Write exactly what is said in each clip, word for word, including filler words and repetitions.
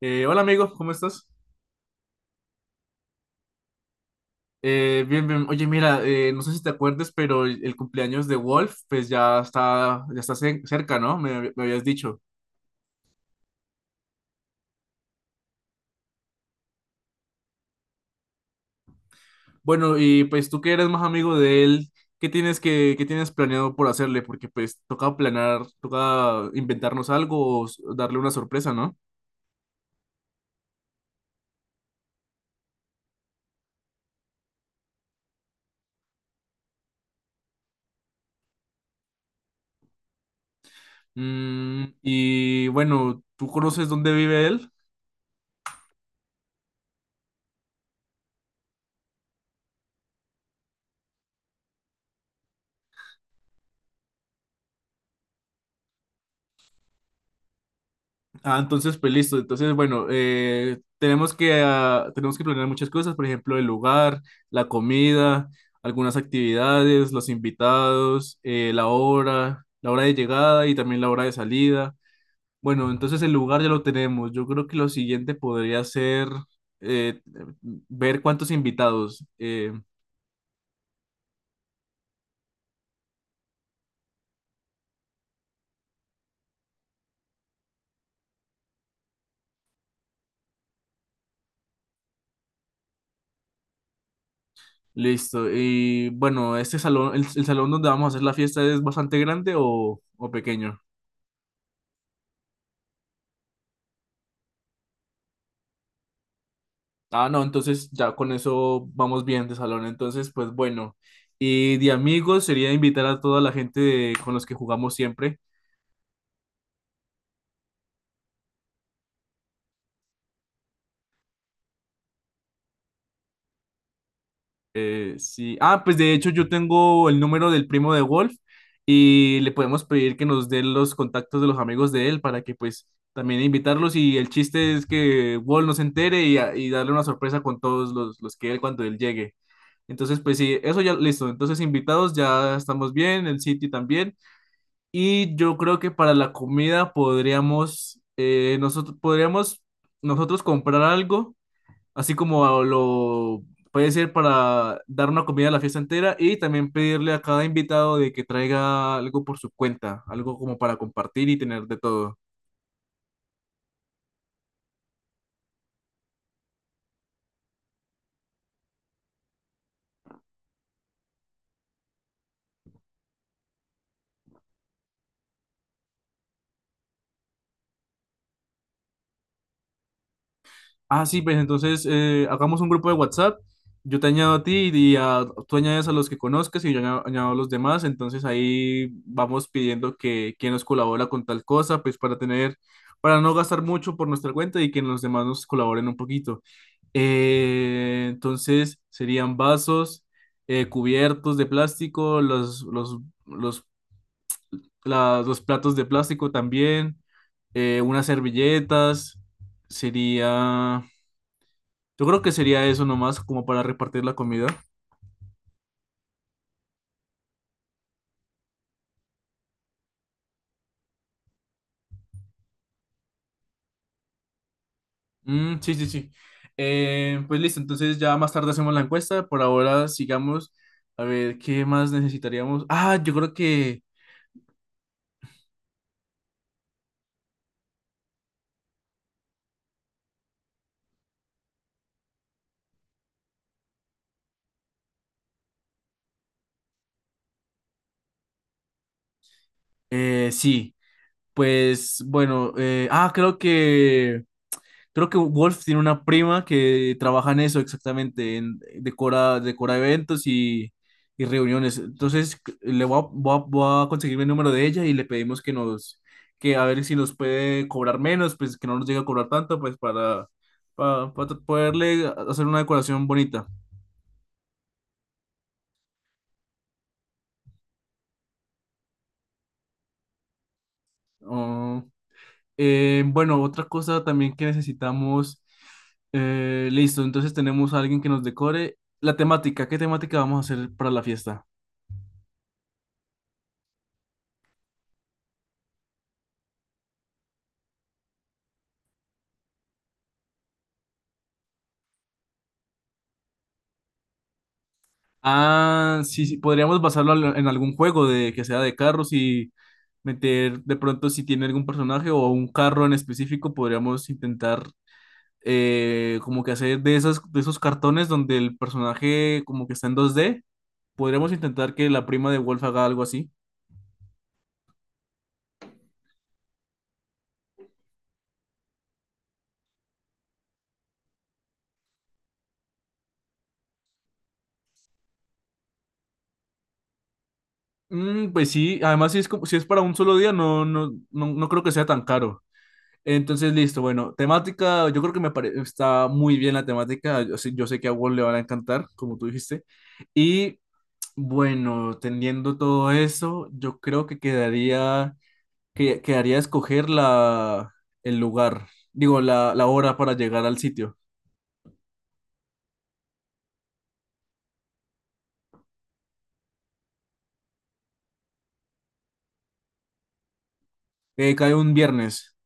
Eh, hola, amigo, ¿cómo estás? Eh, bien, bien. Oye, mira, eh, no sé si te acuerdes, pero el, el cumpleaños de Wolf, pues ya está, ya está ce- cerca, ¿no? Me, hab- me habías dicho. Bueno, y pues tú que eres más amigo de él, ¿qué tienes que, ¿qué tienes planeado por hacerle? Porque pues toca planear, toca inventarnos algo o s- darle una sorpresa, ¿no? Mm, y bueno, ¿tú conoces dónde vive él? Ah, entonces, pues listo. Entonces, bueno, eh, tenemos que, ah, tenemos que planear muchas cosas, por ejemplo, el lugar, la comida, algunas actividades, los invitados, eh, la hora, la hora de llegada y también la hora de salida. Bueno, entonces el lugar ya lo tenemos. Yo creo que lo siguiente podría ser eh, ver cuántos invitados. Eh, listo. Y bueno, este salón, el, el salón donde vamos a hacer la fiesta, ¿es bastante grande o, o pequeño? Ah, no, entonces ya con eso vamos bien de salón. Entonces, pues bueno. Y de amigos sería invitar a toda la gente de- con los que jugamos siempre. Eh, sí. Ah, pues de hecho yo tengo el número del primo de Wolf y le podemos pedir que nos dé los contactos de los amigos de él para que pues también invitarlos, y el chiste es que Wolf no se entere y, a- y darle una sorpresa con todos los, los que él cuando él llegue. Entonces, pues sí, eso ya listo. Entonces, invitados, ya estamos bien, el sitio también. Y yo creo que para la comida podríamos, eh, nosotros, podríamos nosotros comprar algo, así como lo puede ser para dar una comida a la fiesta entera, y también pedirle a cada invitado de que traiga algo por su cuenta, algo como para compartir y tener de todo. Ah, sí, pues entonces eh, hagamos un grupo de WhatsApp. Yo te añado a ti y a- tú añades a los que conozcas y yo añado, añado a los demás. Entonces ahí vamos pidiendo que quien nos colabora con tal cosa, pues para tener, para no gastar mucho por nuestra cuenta y que los demás nos colaboren un poquito. Eh, entonces serían vasos, eh, cubiertos de plástico, los, los, los, la- los platos de plástico también, eh, unas servilletas, sería... Yo creo que sería eso nomás, como para repartir la comida. Mm, sí, sí, sí. Eh, pues listo, entonces ya más tarde hacemos la encuesta. Por ahora sigamos a ver qué más necesitaríamos. Ah, yo creo que eh, sí. Pues bueno, eh, ah, creo que... Creo que Wolf tiene una prima que trabaja en eso exactamente, en, decora, decora eventos y, y reuniones. Entonces, c- le voy a, voy a- voy a conseguirme el número de ella y le pedimos que nos, que a ver si nos puede cobrar menos, pues que no nos llegue a cobrar tanto, pues para, para, para poderle hacer una decoración bonita. Oh, eh, bueno, otra cosa también que necesitamos, eh, listo, entonces tenemos a alguien que nos decore. La temática, ¿qué temática vamos a hacer para la fiesta? Ah, sí, sí, podríamos basarlo al- en algún juego de que sea de carros, y meter de pronto si tiene algún personaje o un carro en específico, podríamos intentar eh, como que hacer de esas, de esos cartones donde el personaje como que está en dos d, podríamos intentar que la prima de Wolf haga algo así. Mm, pues sí, además si es como, si es para un solo día, no, no, no, no creo que sea tan caro. Entonces, listo, bueno, temática, yo creo que me pare- está muy bien la temática, yo sé, yo sé que a Wall le van a encantar, como tú dijiste, y bueno, teniendo todo eso, yo creo que quedaría, que, quedaría escoger la, el lugar, digo, la, la hora para llegar al sitio. Eh, cae un viernes,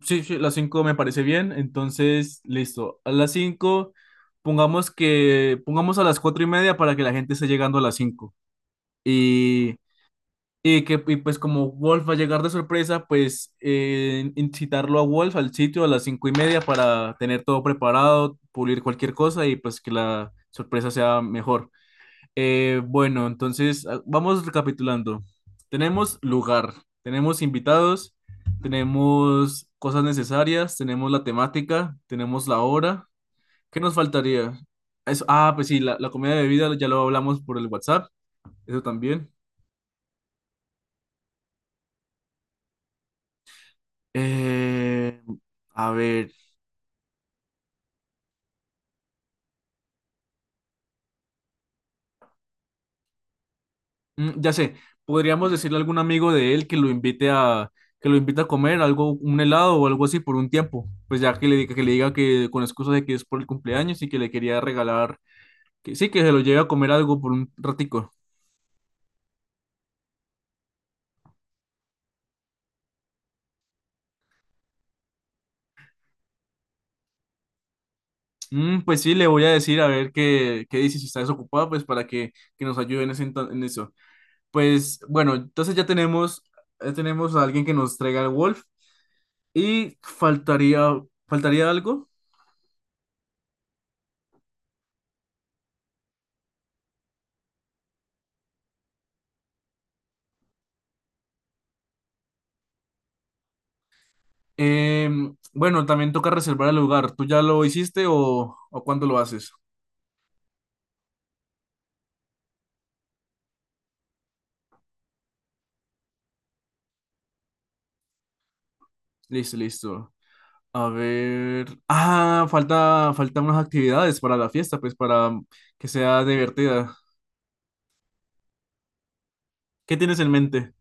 sí, sí, las cinco me parece bien, entonces, listo, a las cinco pongamos que, pongamos a las cuatro y media para que la gente esté llegando a las cinco. Y... Y que, y pues como Wolf va a llegar de sorpresa, pues eh, incitarlo a Wolf al sitio a las cinco y media para tener todo preparado, pulir cualquier cosa y pues que la sorpresa sea mejor. Eh, bueno, entonces ah, vamos recapitulando. Tenemos lugar, tenemos invitados, tenemos cosas necesarias, tenemos la temática, tenemos la hora. ¿Qué nos faltaría? Eso- ah, pues sí, la, la comida de bebida ya lo hablamos por el WhatsApp, eso también. Eh. Mm, ya sé, podríamos decirle a algún amigo de él que lo invite a que lo invite a comer algo, un helado o algo así por un tiempo. Pues ya que le diga que le diga que con excusa de que es por el cumpleaños y que le quería regalar, que sí, que se lo lleve a comer algo por un ratico. Mm, pues sí, le voy a decir a ver qué, qué dice, si está desocupada, pues para que, que nos ayude en, ese ento- en eso. Pues bueno, entonces ya tenemos, ya tenemos a alguien que nos traiga el Wolf, y faltaría, faltaría algo. Em, bueno, también toca reservar el lugar. ¿Tú ya lo hiciste o, o cuándo lo haces? Listo, listo. A ver. Ah, falta, faltan unas actividades para la fiesta, pues para que sea divertida. ¿Qué tienes en mente?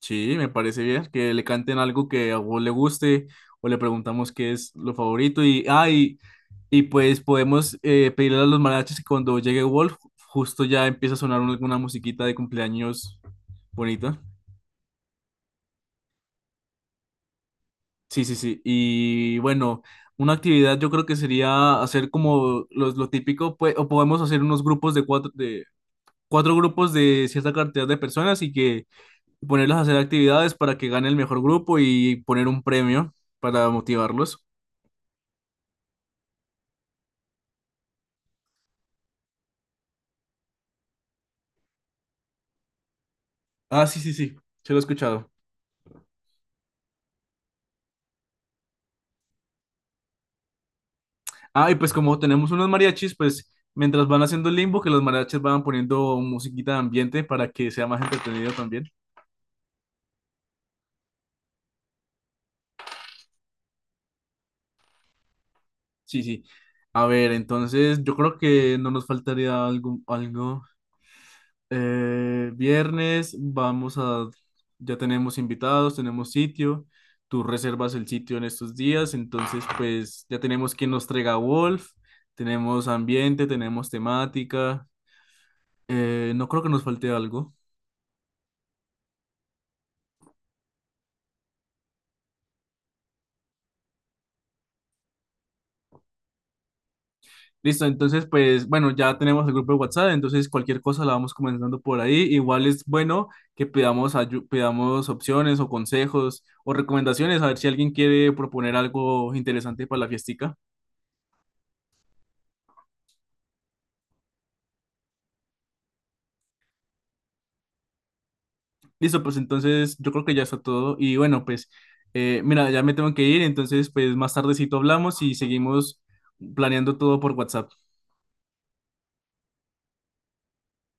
Sí, me parece bien que le canten algo que a vos le guste, o le preguntamos qué es lo favorito. Y, ah, y, y pues podemos eh, pedirle a los mariachis que cuando llegue Wolf, justo ya empieza a sonar una, alguna musiquita de cumpleaños bonita. Sí, sí, sí. Y bueno, una actividad yo creo que sería hacer como los- lo típico, pues, o podemos hacer unos grupos de cuatro, de cuatro grupos de cierta cantidad de personas, y que ponerlos a hacer actividades para que gane el mejor grupo y poner un premio para motivarlos. Ah, sí, sí, sí, se lo he escuchado. Ah, y pues como tenemos unos mariachis, pues mientras van haciendo el limbo, que los mariachis van poniendo musiquita de ambiente para que sea más entretenido también. Sí, sí. A ver, entonces yo creo que no nos faltaría algo, algo. Eh, viernes vamos a, ya tenemos invitados, tenemos sitio. Tú reservas el sitio en estos días, entonces pues ya tenemos quien nos traiga Wolf, tenemos ambiente, tenemos temática. Eh, no creo que nos falte algo. Listo, entonces pues bueno, ya tenemos el grupo de WhatsApp, entonces cualquier cosa la vamos comenzando por ahí. Igual es bueno que pidamos, ayu- pidamos opciones o consejos o recomendaciones, a ver si alguien quiere proponer algo interesante para la fiestica. Listo, pues entonces yo creo que ya está todo y bueno, pues eh, mira, ya me tengo que ir, entonces pues más tardecito hablamos y seguimos planeando todo por WhatsApp.